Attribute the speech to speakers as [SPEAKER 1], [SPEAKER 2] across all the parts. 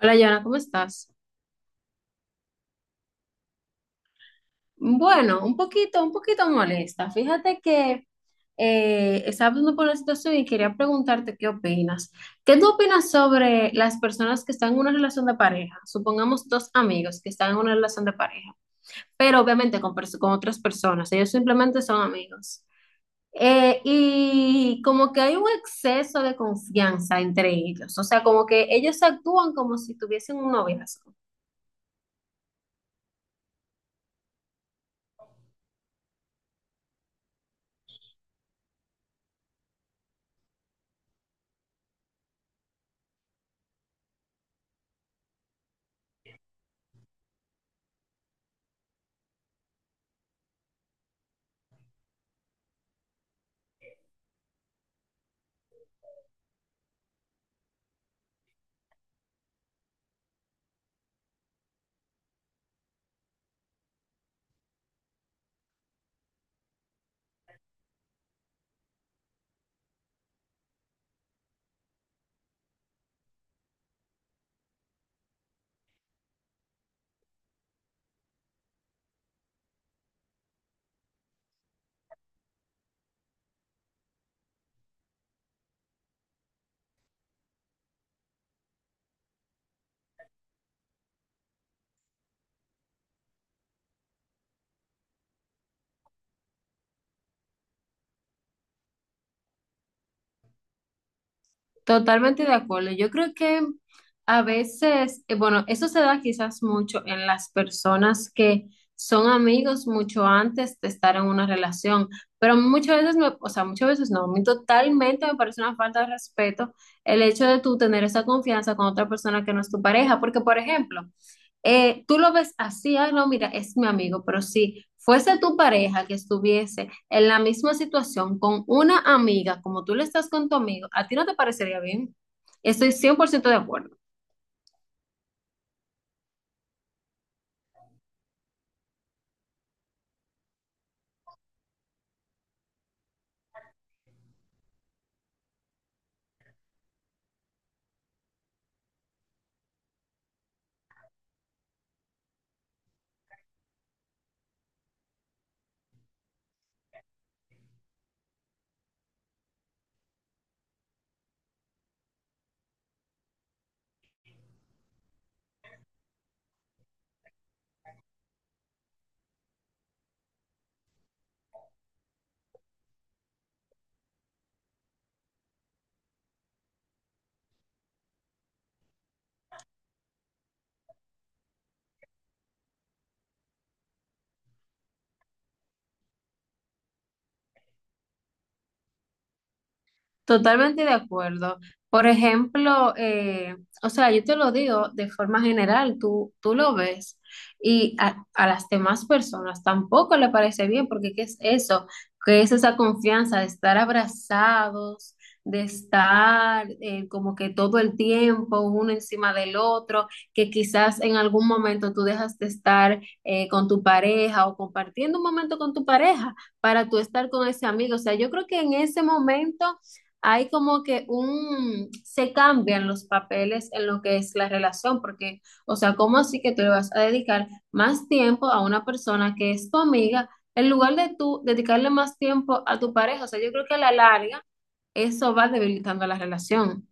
[SPEAKER 1] Hola, Yana, ¿cómo estás? Bueno, un poquito molesta. Fíjate que estaba pasando por una situación y quería preguntarte qué opinas. ¿Qué tú opinas sobre las personas que están en una relación de pareja? Supongamos dos amigos que están en una relación de pareja, pero obviamente con otras personas. Ellos simplemente son amigos. Y como que hay un exceso de confianza entre ellos. O sea, como que ellos actúan como si tuviesen un noviazgo. Totalmente de acuerdo. Yo creo que a veces, bueno, eso se da quizás mucho en las personas que son amigos mucho antes de estar en una relación, pero muchas veces no, a mí totalmente me parece una falta de respeto el hecho de tú tener esa confianza con otra persona que no es tu pareja, porque por ejemplo, tú lo ves así, ay, no, mira, es mi amigo, pero si fuese tu pareja que estuviese en la misma situación con una amiga, como tú le estás con tu amigo, a ti no te parecería bien. Estoy 100% de acuerdo. Totalmente de acuerdo. Por ejemplo, o sea, yo te lo digo de forma general, tú lo ves y a las demás personas tampoco le parece bien, porque ¿qué es eso? ¿Qué es esa confianza de estar abrazados, de estar como que todo el tiempo uno encima del otro, que quizás en algún momento tú dejas de estar con tu pareja o compartiendo un momento con tu pareja para tú estar con ese amigo? O sea, yo creo que en ese momento hay como que se cambian los papeles en lo que es la relación, porque, o sea, ¿cómo así que tú le vas a dedicar más tiempo a una persona que es tu amiga en lugar de tú dedicarle más tiempo a tu pareja? O sea, yo creo que a la larga eso va debilitando la relación.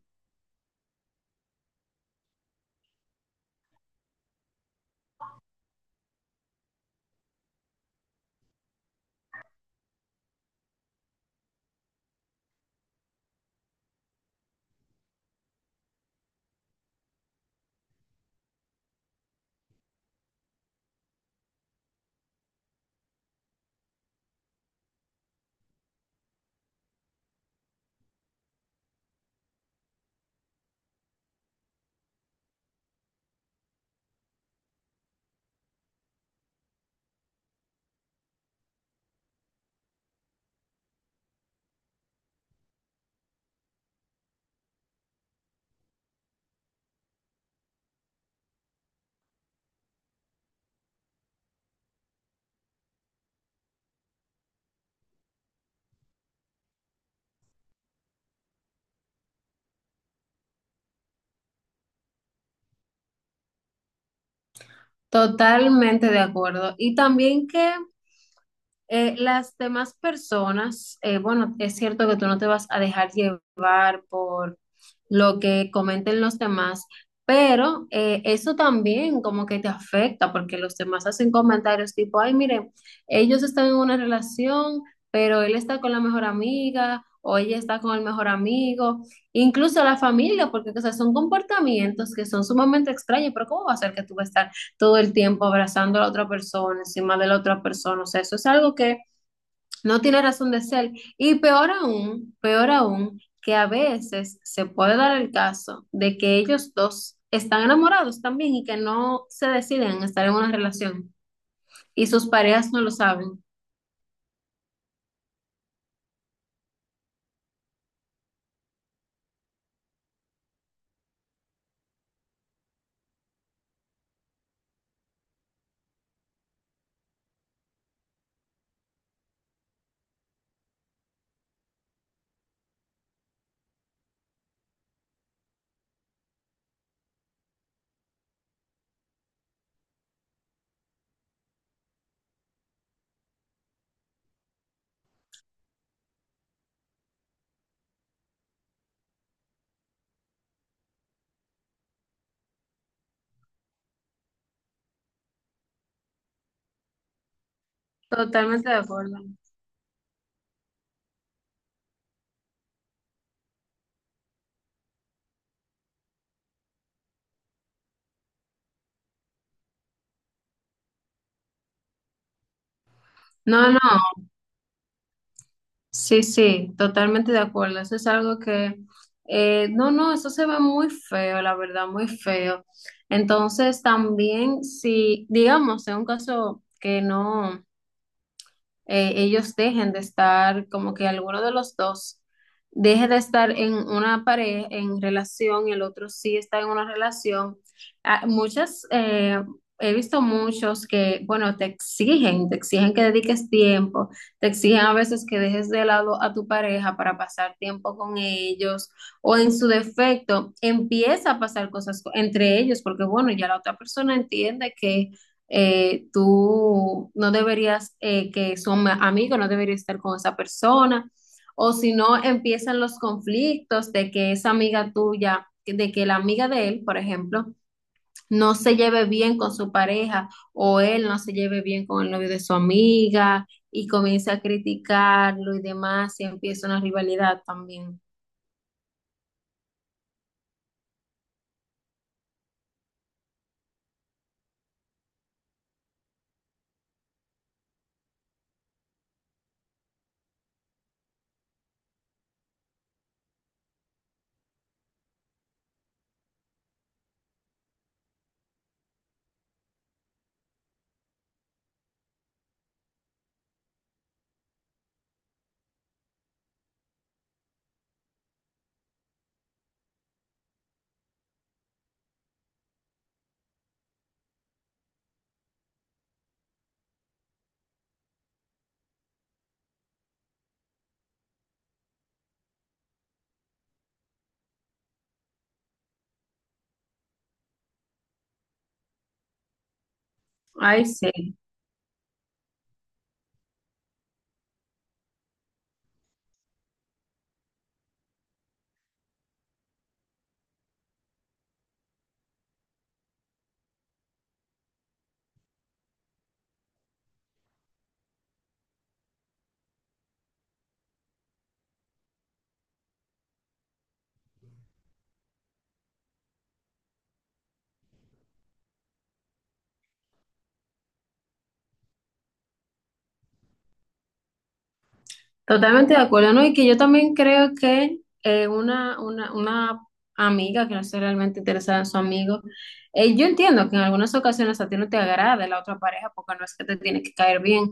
[SPEAKER 1] Totalmente de acuerdo. Y también que las demás personas, bueno, es cierto que tú no te vas a dejar llevar por lo que comenten los demás, pero eso también como que te afecta porque los demás hacen comentarios tipo, ay, miren, ellos están en una relación, pero él está con la mejor amiga o ella está con el mejor amigo, incluso la familia, porque o sea, son comportamientos que son sumamente extraños, pero ¿cómo va a ser que tú vas a estar todo el tiempo abrazando a la otra persona, encima de la otra persona? O sea, eso es algo que no tiene razón de ser. Y peor aún, que a veces se puede dar el caso de que ellos dos están enamorados también y que no se deciden a estar en una relación y sus parejas no lo saben. Totalmente de acuerdo. No, no, sí, sí, totalmente de acuerdo. Eso es algo que, no, no, eso se ve muy feo, la verdad, muy feo. Entonces, también si, digamos, en un caso que no ellos dejen de estar, como que alguno de los dos deje de estar en una pareja, en relación, y el otro sí está en una relación. Ah, he visto muchos que, bueno, te exigen que dediques tiempo, te exigen a veces que dejes de lado a tu pareja para pasar tiempo con ellos, o en su defecto, empieza a pasar cosas co- entre ellos, porque bueno, ya la otra persona entiende que tú no deberías, que son amigos, no deberías estar con esa persona, o si no empiezan los conflictos de que esa amiga tuya, de que la amiga de él, por ejemplo, no se lleve bien con su pareja o él no se lleve bien con el novio de su amiga y comienza a criticarlo y demás y empieza una rivalidad también. Ay, sí. Totalmente de acuerdo, ¿no? Y que yo también creo que una amiga que no esté realmente interesada en su amigo, yo entiendo que en algunas ocasiones a ti no te agrada la otra pareja porque no es que te tiene que caer bien,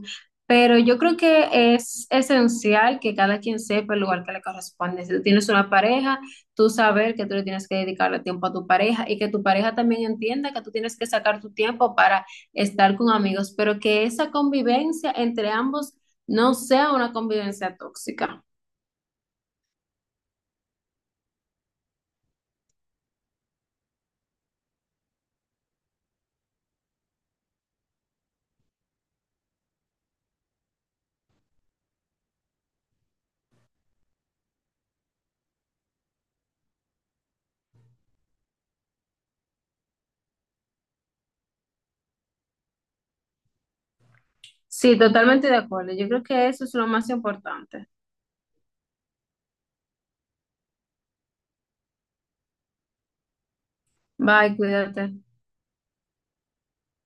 [SPEAKER 1] pero yo creo que es esencial que cada quien sepa el lugar que le corresponde. Si tú tienes una pareja, tú saber que tú le tienes que dedicarle tiempo a tu pareja y que tu pareja también entienda que tú tienes que sacar tu tiempo para estar con amigos, pero que esa convivencia entre ambos no sea una convivencia tóxica. Sí, totalmente de acuerdo. Yo creo que eso es lo más importante. Bye, cuídate.